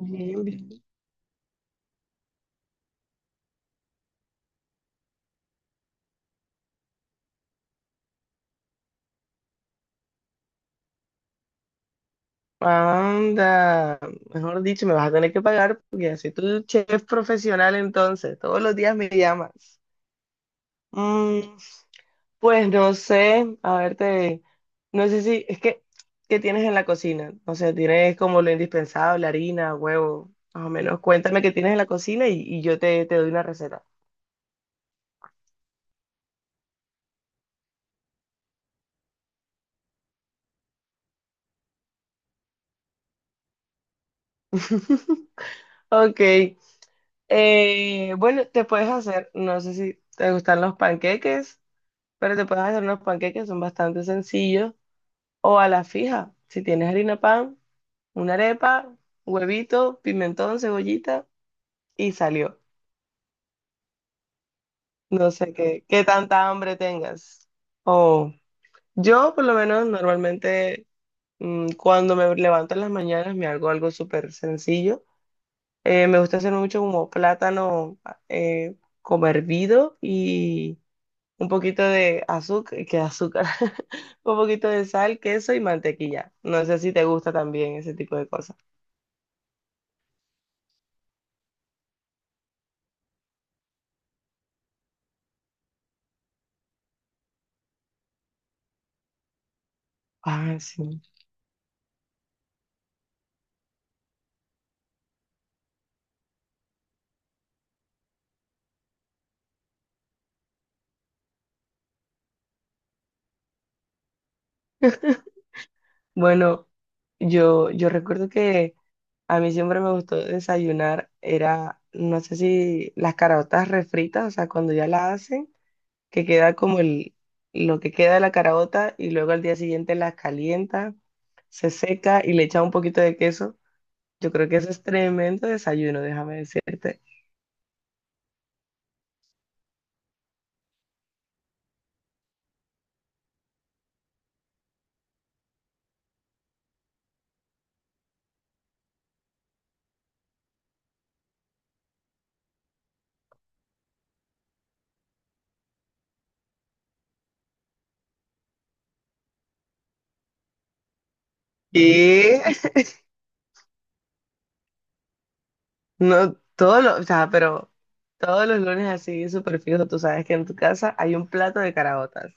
Bien, bien. Anda, mejor dicho, me vas a tener que pagar porque así tú chef profesional entonces, todos los días me llamas. Mm, pues no sé, a verte, no sé si, ¿qué tienes en la cocina? No sé, tienes como lo indispensable, harina, huevo, más o menos. Cuéntame qué tienes en la cocina y yo te doy una receta. Ok, bueno, te puedes hacer, no sé si te gustan los panqueques, pero te puedes hacer unos panqueques, son bastante sencillos. O a la fija, si tienes harina pan, una arepa, huevito, pimentón, cebollita y salió. No sé qué tanta hambre tengas. O yo por lo menos normalmente cuando me levanto en las mañanas me hago algo súper sencillo. Me gusta hacer mucho como plátano eh, como hervido y un poquito de azúcar, que azúcar, un poquito de sal, queso y mantequilla. No sé si te gusta también ese tipo de cosas. Ah, sí. Bueno, yo recuerdo que a mí siempre me gustó desayunar, era, no sé si las caraotas refritas, o sea, cuando ya la hacen, que queda como lo que queda de la caraota y luego al día siguiente las calienta, se seca y le echa un poquito de queso. Yo creo que eso es tremendo desayuno, déjame decirte. Y no, todos o sea, pero todos los lunes así, súper fijo, tú sabes que en tu casa hay un plato de caraotas.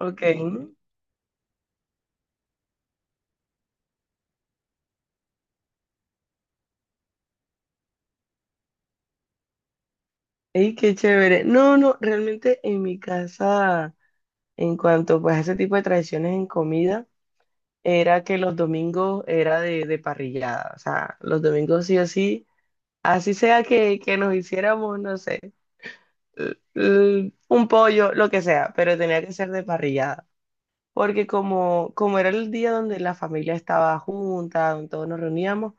Ok. Ey, qué chévere. No, no, realmente en mi casa, en cuanto pues a ese tipo de tradiciones en comida, era que los domingos era de parrillada. O sea, los domingos sí o sí, así sea que nos hiciéramos, no sé, un pollo, lo que sea, pero tenía que ser de parrillada. Porque como era el día donde la familia estaba junta, donde todos nos reuníamos,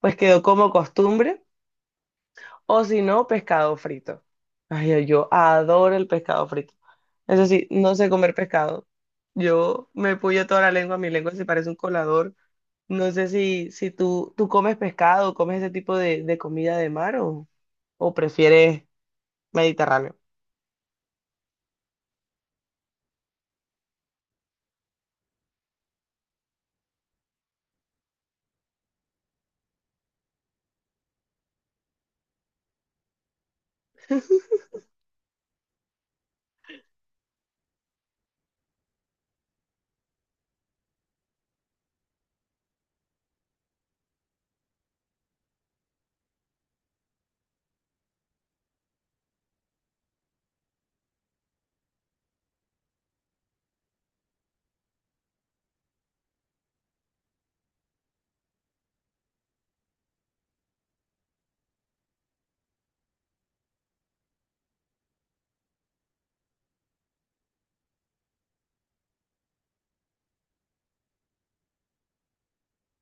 pues quedó como costumbre. O si no, pescado frito. Ay, yo adoro el pescado frito. Eso sí, no sé comer pescado. Yo me puyo toda la lengua, mi lengua se parece un colador. No sé si tú comes pescado, comes ese tipo de comida de mar o prefieres mediterráneo.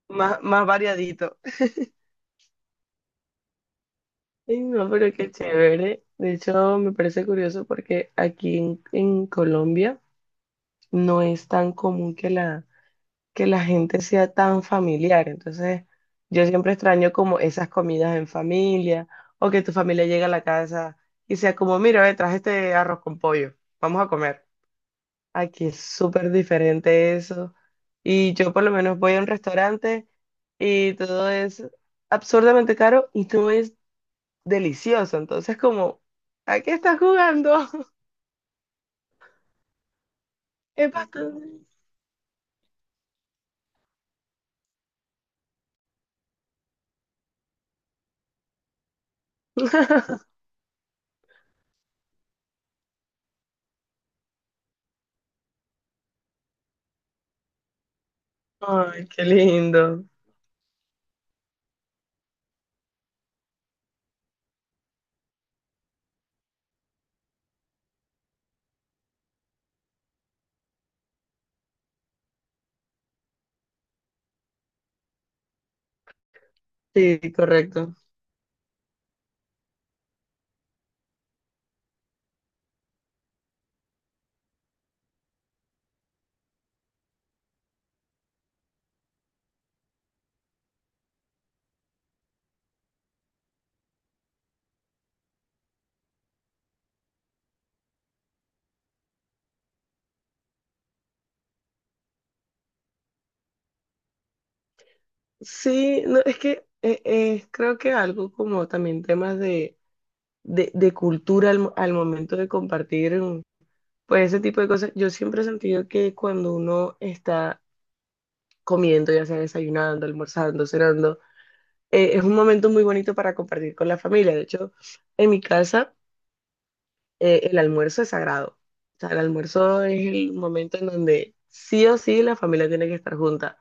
Más, más variadito. Ay, no, pero qué chévere. De hecho, me parece curioso porque aquí en Colombia no es tan común que la gente sea tan familiar. Entonces, yo siempre extraño como esas comidas en familia o que tu familia llegue a la casa y sea como, mira, ve, traje este arroz con pollo, vamos a comer. Aquí es súper diferente eso. Y yo por lo menos voy a un restaurante y todo es absurdamente caro y todo es delicioso. Entonces, como, ¿a qué estás jugando? Es bastante. Ay, qué lindo. Sí, correcto. Sí, no, es que creo que algo como también temas de cultura al momento de compartir, pues ese tipo de cosas. Yo siempre he sentido que cuando uno está comiendo, ya sea desayunando, almorzando, cenando, es un momento muy bonito para compartir con la familia. De hecho, en mi casa, el almuerzo es sagrado. O sea, el almuerzo es el momento en donde sí o sí la familia tiene que estar junta.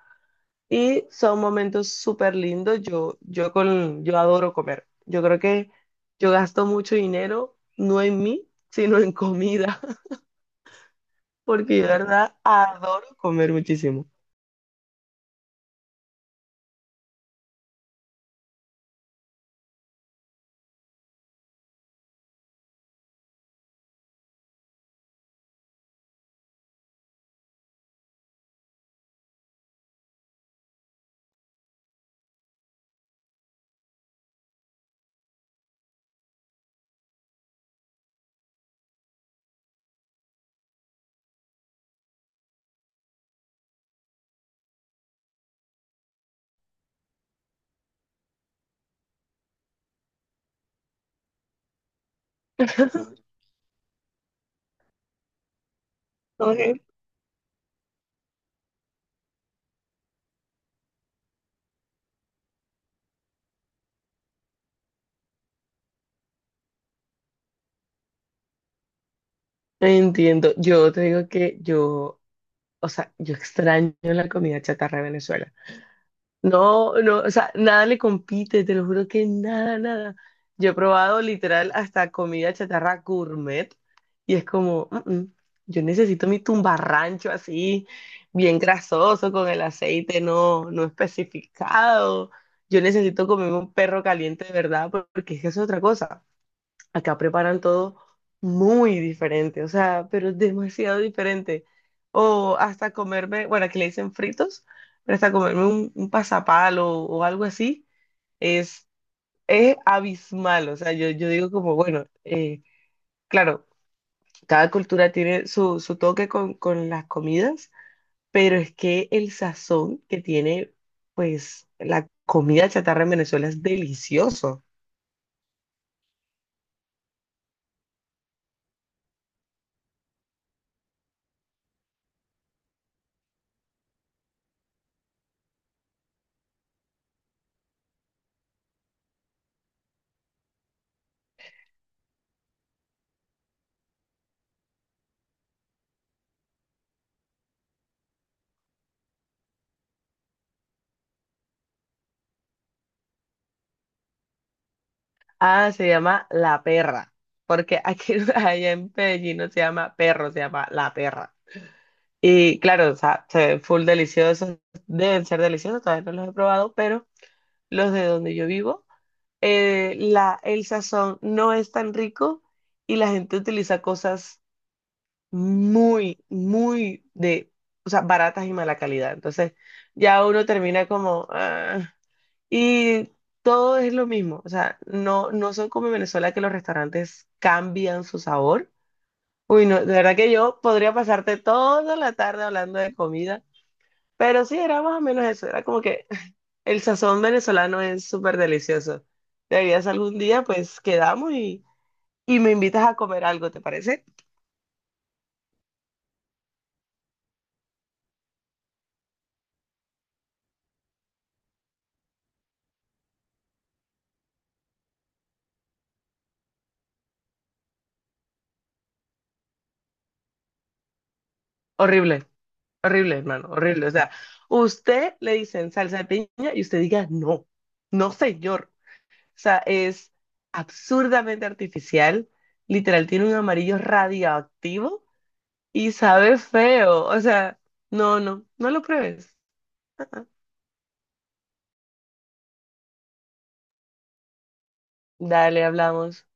Y son momentos súper lindos. Yo adoro comer. Yo creo que yo gasto mucho dinero, no en mí, sino en comida, porque yo de verdad adoro comer muchísimo. Ok. Entiendo. Yo te digo que yo, o sea, yo extraño la comida chatarra de Venezuela. No, no, o sea, nada le compite, te lo juro que nada, nada. Yo he probado literal hasta comida chatarra gourmet y es como, "Mm, mm, yo necesito mi tumbarrancho así, bien grasoso, con el aceite no, no especificado. Yo necesito comerme un perro caliente de verdad porque es que eso es otra cosa. Acá preparan todo muy diferente, o sea, pero demasiado diferente. O hasta comerme, bueno, aquí le dicen fritos, pero hasta comerme un pasapalo o algo así, es, es abismal. O sea, yo digo como, bueno, claro, cada cultura tiene su toque con las comidas, pero es que el sazón que tiene, pues, la comida chatarra en Venezuela es delicioso. Ah, se llama La Perra, porque aquí allá en Medellín no se llama perro, se llama La Perra. Y claro, o sea, se ven full deliciosos, deben ser deliciosos, todavía no los he probado, pero los de donde yo vivo, el sazón no es tan rico y la gente utiliza cosas muy, muy de, o sea, baratas y mala calidad. Entonces ya uno termina como... ah. Y todo es lo mismo, o sea, no, no son como en Venezuela que los restaurantes cambian su sabor. Uy, no, de verdad que yo podría pasarte toda la tarde hablando de comida, pero sí, era más o menos eso, era como que el sazón venezolano es súper delicioso. Deberías algún día, pues quedamos y me invitas a comer algo, ¿te parece? Horrible, horrible, hermano, horrible. O sea, usted le dicen salsa de piña y usted diga, no, no, señor. Sea, es absurdamente artificial. Literal, tiene un amarillo radioactivo y sabe feo. O sea, no, no, no lo pruebes. Dale, hablamos.